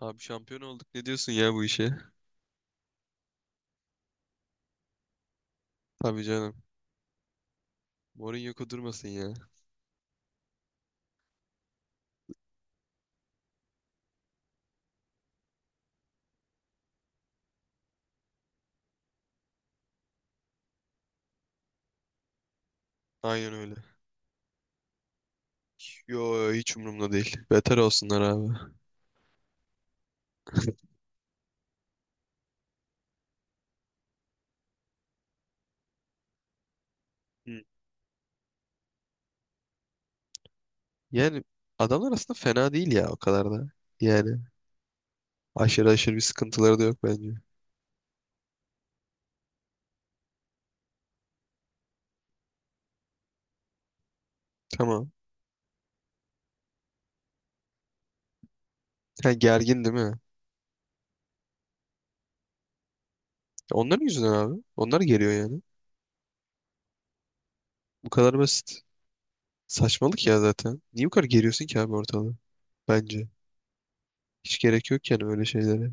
Abi şampiyon olduk. Ne diyorsun ya bu işe? Tabii canım. Mourinho kudurmasın ya. Aynen öyle. Yo hiç umurumda değil. Beter olsunlar abi. Hı. Yani adamlar aslında fena değil ya o kadar da. Yani aşırı aşırı bir sıkıntıları da yok bence. Tamam. Ha, gergin değil mi? Onların yüzünden abi. Onlar geriyor yani. Bu kadar basit. Saçmalık ya zaten. Niye bu kadar geriyorsun ki abi ortalığı? Bence. Hiç gerek yok yani öyle şeylere.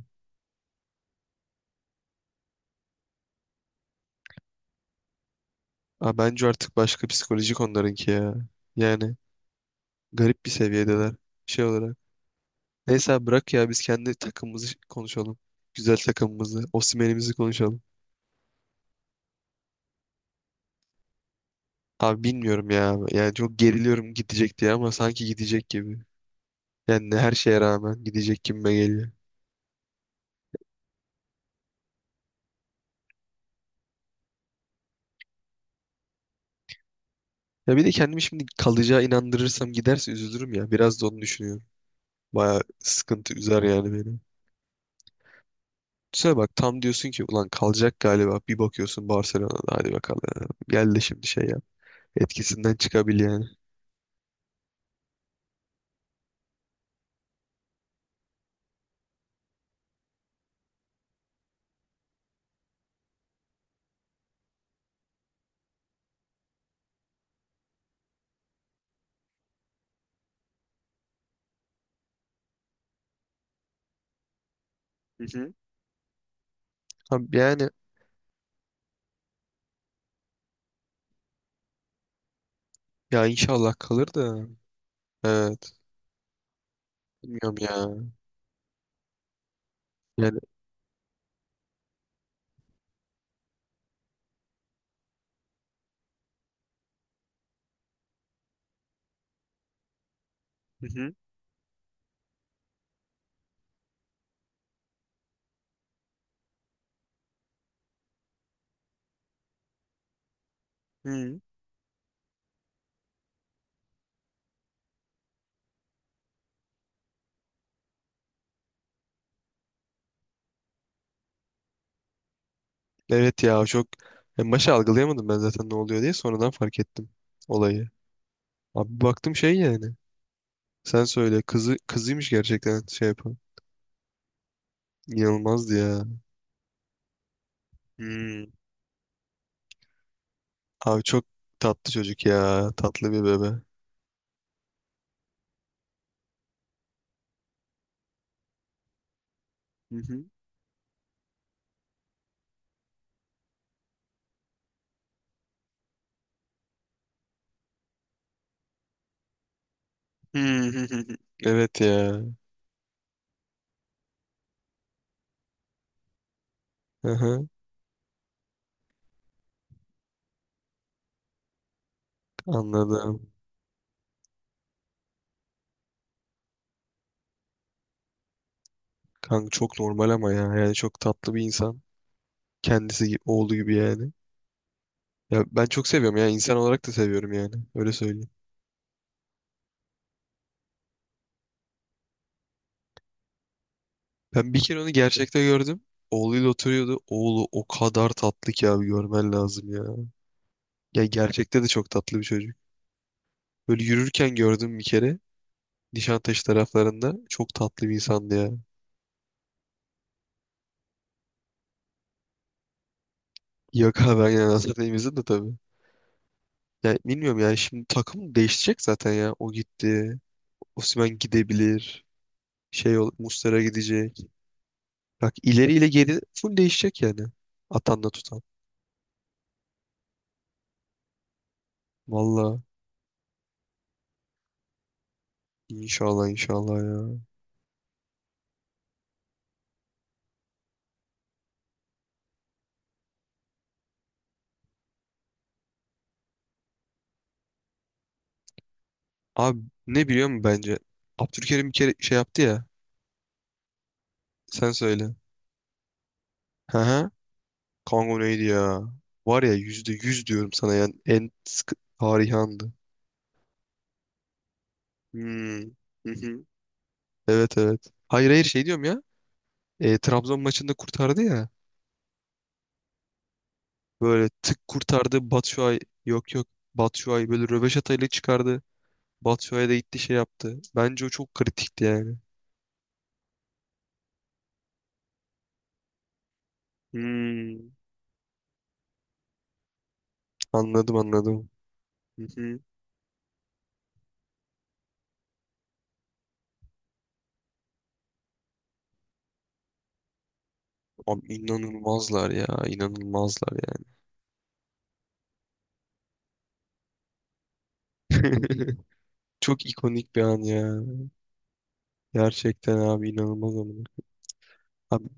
Aa, bence artık başka psikolojik onlarınki ya. Yani garip bir seviyedeler şey olarak. Neyse abi bırak ya biz kendi takımımızı konuşalım. Güzel takımımızı, Osimhen'imizi konuşalım. Abi bilmiyorum ya. Yani çok geriliyorum gidecek diye ama sanki gidecek gibi. Yani her şeye rağmen gidecek gibime geliyor. Ya bir de kendimi şimdi kalacağı inandırırsam giderse üzülürüm ya. Biraz da onu düşünüyorum. Baya sıkıntı üzer yani beni. Düşünsene bak tam diyorsun ki ulan kalacak galiba. Bir bakıyorsun Barcelona'da hadi bakalım. Gel de şimdi şey yap. Etkisinden çıkabil yani. Hı hı. Abi yani ya inşallah kalır da. Evet. Bilmiyorum ya. Yani. Hı hı. Hı. Evet ya çok. En başta algılayamadım ben zaten ne oluyor diye sonradan fark ettim olayı. Abi baktım şey yani. Sen söyle kızı kızıymış gerçekten şey yapan. İnanılmazdı ya. Hmm. Abi çok tatlı çocuk ya. Tatlı bir bebe. Hı. Hı. Evet ya. Hı hı. Anladım. Kanka çok normal ama ya. Yani çok tatlı bir insan. Kendisi gibi, oğlu gibi yani. Ya ben çok seviyorum ya. İnsan olarak da seviyorum yani. Öyle söyleyeyim. Ben bir kere onu gerçekte gördüm. Oğluyla oturuyordu. Oğlu o kadar tatlı ki abi görmen lazım ya. Ya gerçekte de çok tatlı bir çocuk. Böyle yürürken gördüm bir kere. Nişantaşı taraflarında. Çok tatlı bir insandı ya. Yok abi ben yani Hasan'ı de tabii. Ya bilmiyorum yani şimdi takım değişecek zaten ya. O gitti. Osimhen gidebilir. Şey ol, Muslera gidecek. Bak ileriyle geri full değişecek yani. Atanla tutan. Valla. İnşallah inşallah ya. Abi ne biliyor musun bence? Abdülkerim bir kere şey yaptı ya. Sen söyle. Hı hı. Kango neydi ya? Var ya %100 diyorum sana yani en sıkı tarihi andı. Hmm. Hı hı. Evet evet. Hayır hayır şey diyorum ya. E, Trabzon maçında kurtardı ya. Böyle tık kurtardı Batshuayi. Yok yok. Batshuayi böyle röveşatayla çıkardı. Batshuayi de gitti şey yaptı. Bence o çok kritikti yani. Hmm. Anladım anladım. Hı hı. Abi inanılmazlar ya. İnanılmazlar yani. Çok ikonik bir an ya. Gerçekten abi inanılmaz amına. Abi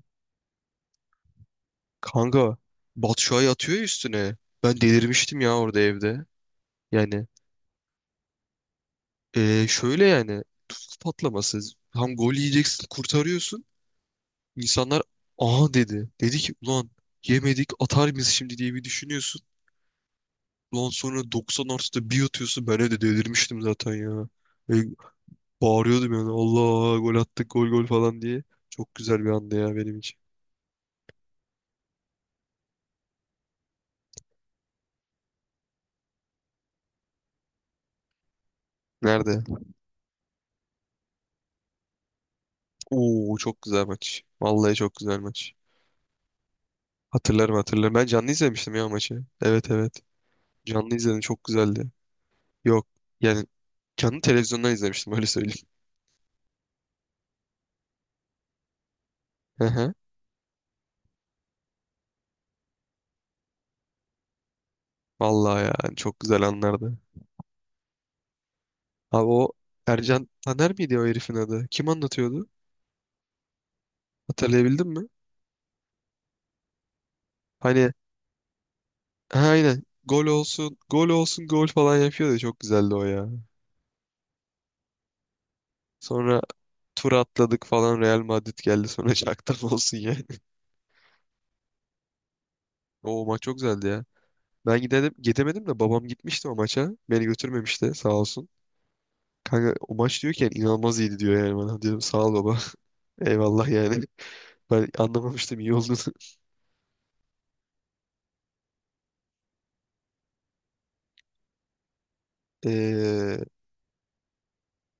kanka Batu Şua'yı atıyor ya üstüne. Ben delirmiştim ya orada evde. Yani şöyle yani tuz patlaması. Tam gol yiyeceksin kurtarıyorsun. İnsanlar aha dedi. Dedi ki ulan yemedik atar mıyız şimdi diye bir düşünüyorsun. Ulan sonra 90 artıda bir atıyorsun. Ben evde delirmiştim zaten ya. E, bağırıyordum yani Allah gol attık gol gol falan diye. Çok güzel bir andı ya benim için. Nerede? Oo çok güzel maç. Vallahi çok güzel maç. Hatırlarım hatırlarım. Ben canlı izlemiştim ya maçı. Evet evet. Canlı izledim çok güzeldi. Yok yani canlı televizyondan izlemiştim öyle söyleyeyim. Hı hı. Vallahi ya çok güzel anlardı. Abi o Ercan Taner miydi o herifin adı? Kim anlatıyordu? Hatırlayabildin mi? Hani ha, aynen gol olsun gol olsun gol falan yapıyordu. Çok güzeldi o ya. Sonra tur atladık falan Real Madrid geldi sonra şaktan olsun ya. O maç çok güzeldi ya. Ben gidelim, gidemedim de babam gitmişti o maça. Beni götürmemişti sağ olsun. Kanka o maç diyorken inanılmaz iyiydi diyor yani bana. Diyorum sağ ol baba. Eyvallah yani. Ben anlamamıştım iyi olduğunu. Ee,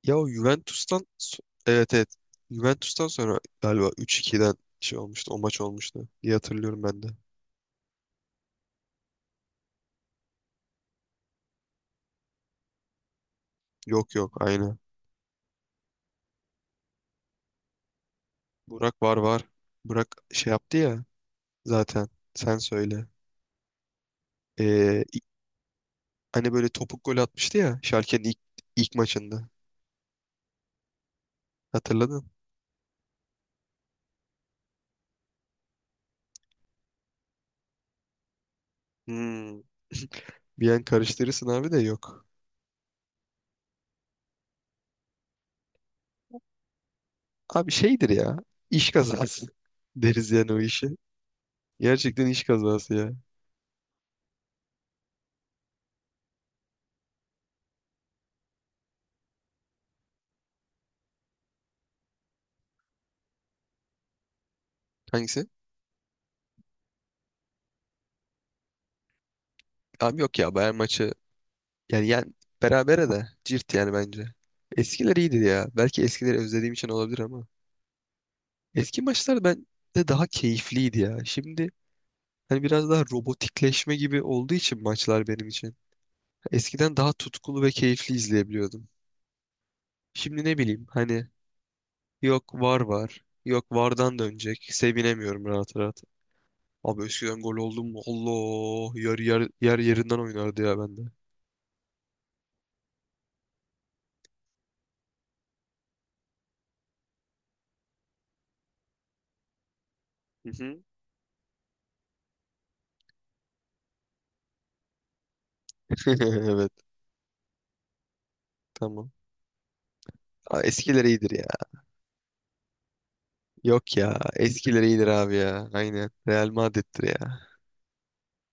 ya o Juventus'tan so- evet evet. Juventus'tan sonra galiba 3-2'den şey olmuştu. O maç olmuştu, diye hatırlıyorum ben de. Yok yok aynı. Burak var var. Burak şey yaptı ya zaten. Sen söyle. Ee, Hani böyle topuk gol atmıştı ya Schalke'nin ilk maçında. Hatırladın? Hmm. Bir an karıştırırsın abi de yok. Abi şeydir ya. İş kazası deriz yani o işi. Gerçekten iş kazası ya. Hangisi? Abi yok ya Bayern maçı yani, yani berabere de cirt yani bence. Eskiler iyiydi ya. Belki eskileri özlediğim için olabilir ama. Eski maçlar ben de daha keyifliydi ya. Şimdi hani biraz daha robotikleşme gibi olduğu için maçlar benim için. Eskiden daha tutkulu ve keyifli izleyebiliyordum. Şimdi ne bileyim hani yok var var. Yok vardan dönecek. Sevinemiyorum rahat rahat. Abi eskiden gol oldum mu? Allah yer yerinden oynardı ya bende. Hı hı. Evet tamam. Aa, eskiler iyidir ya. Yok ya eskiler iyidir abi ya. Aynen Real Madrid'dir ya.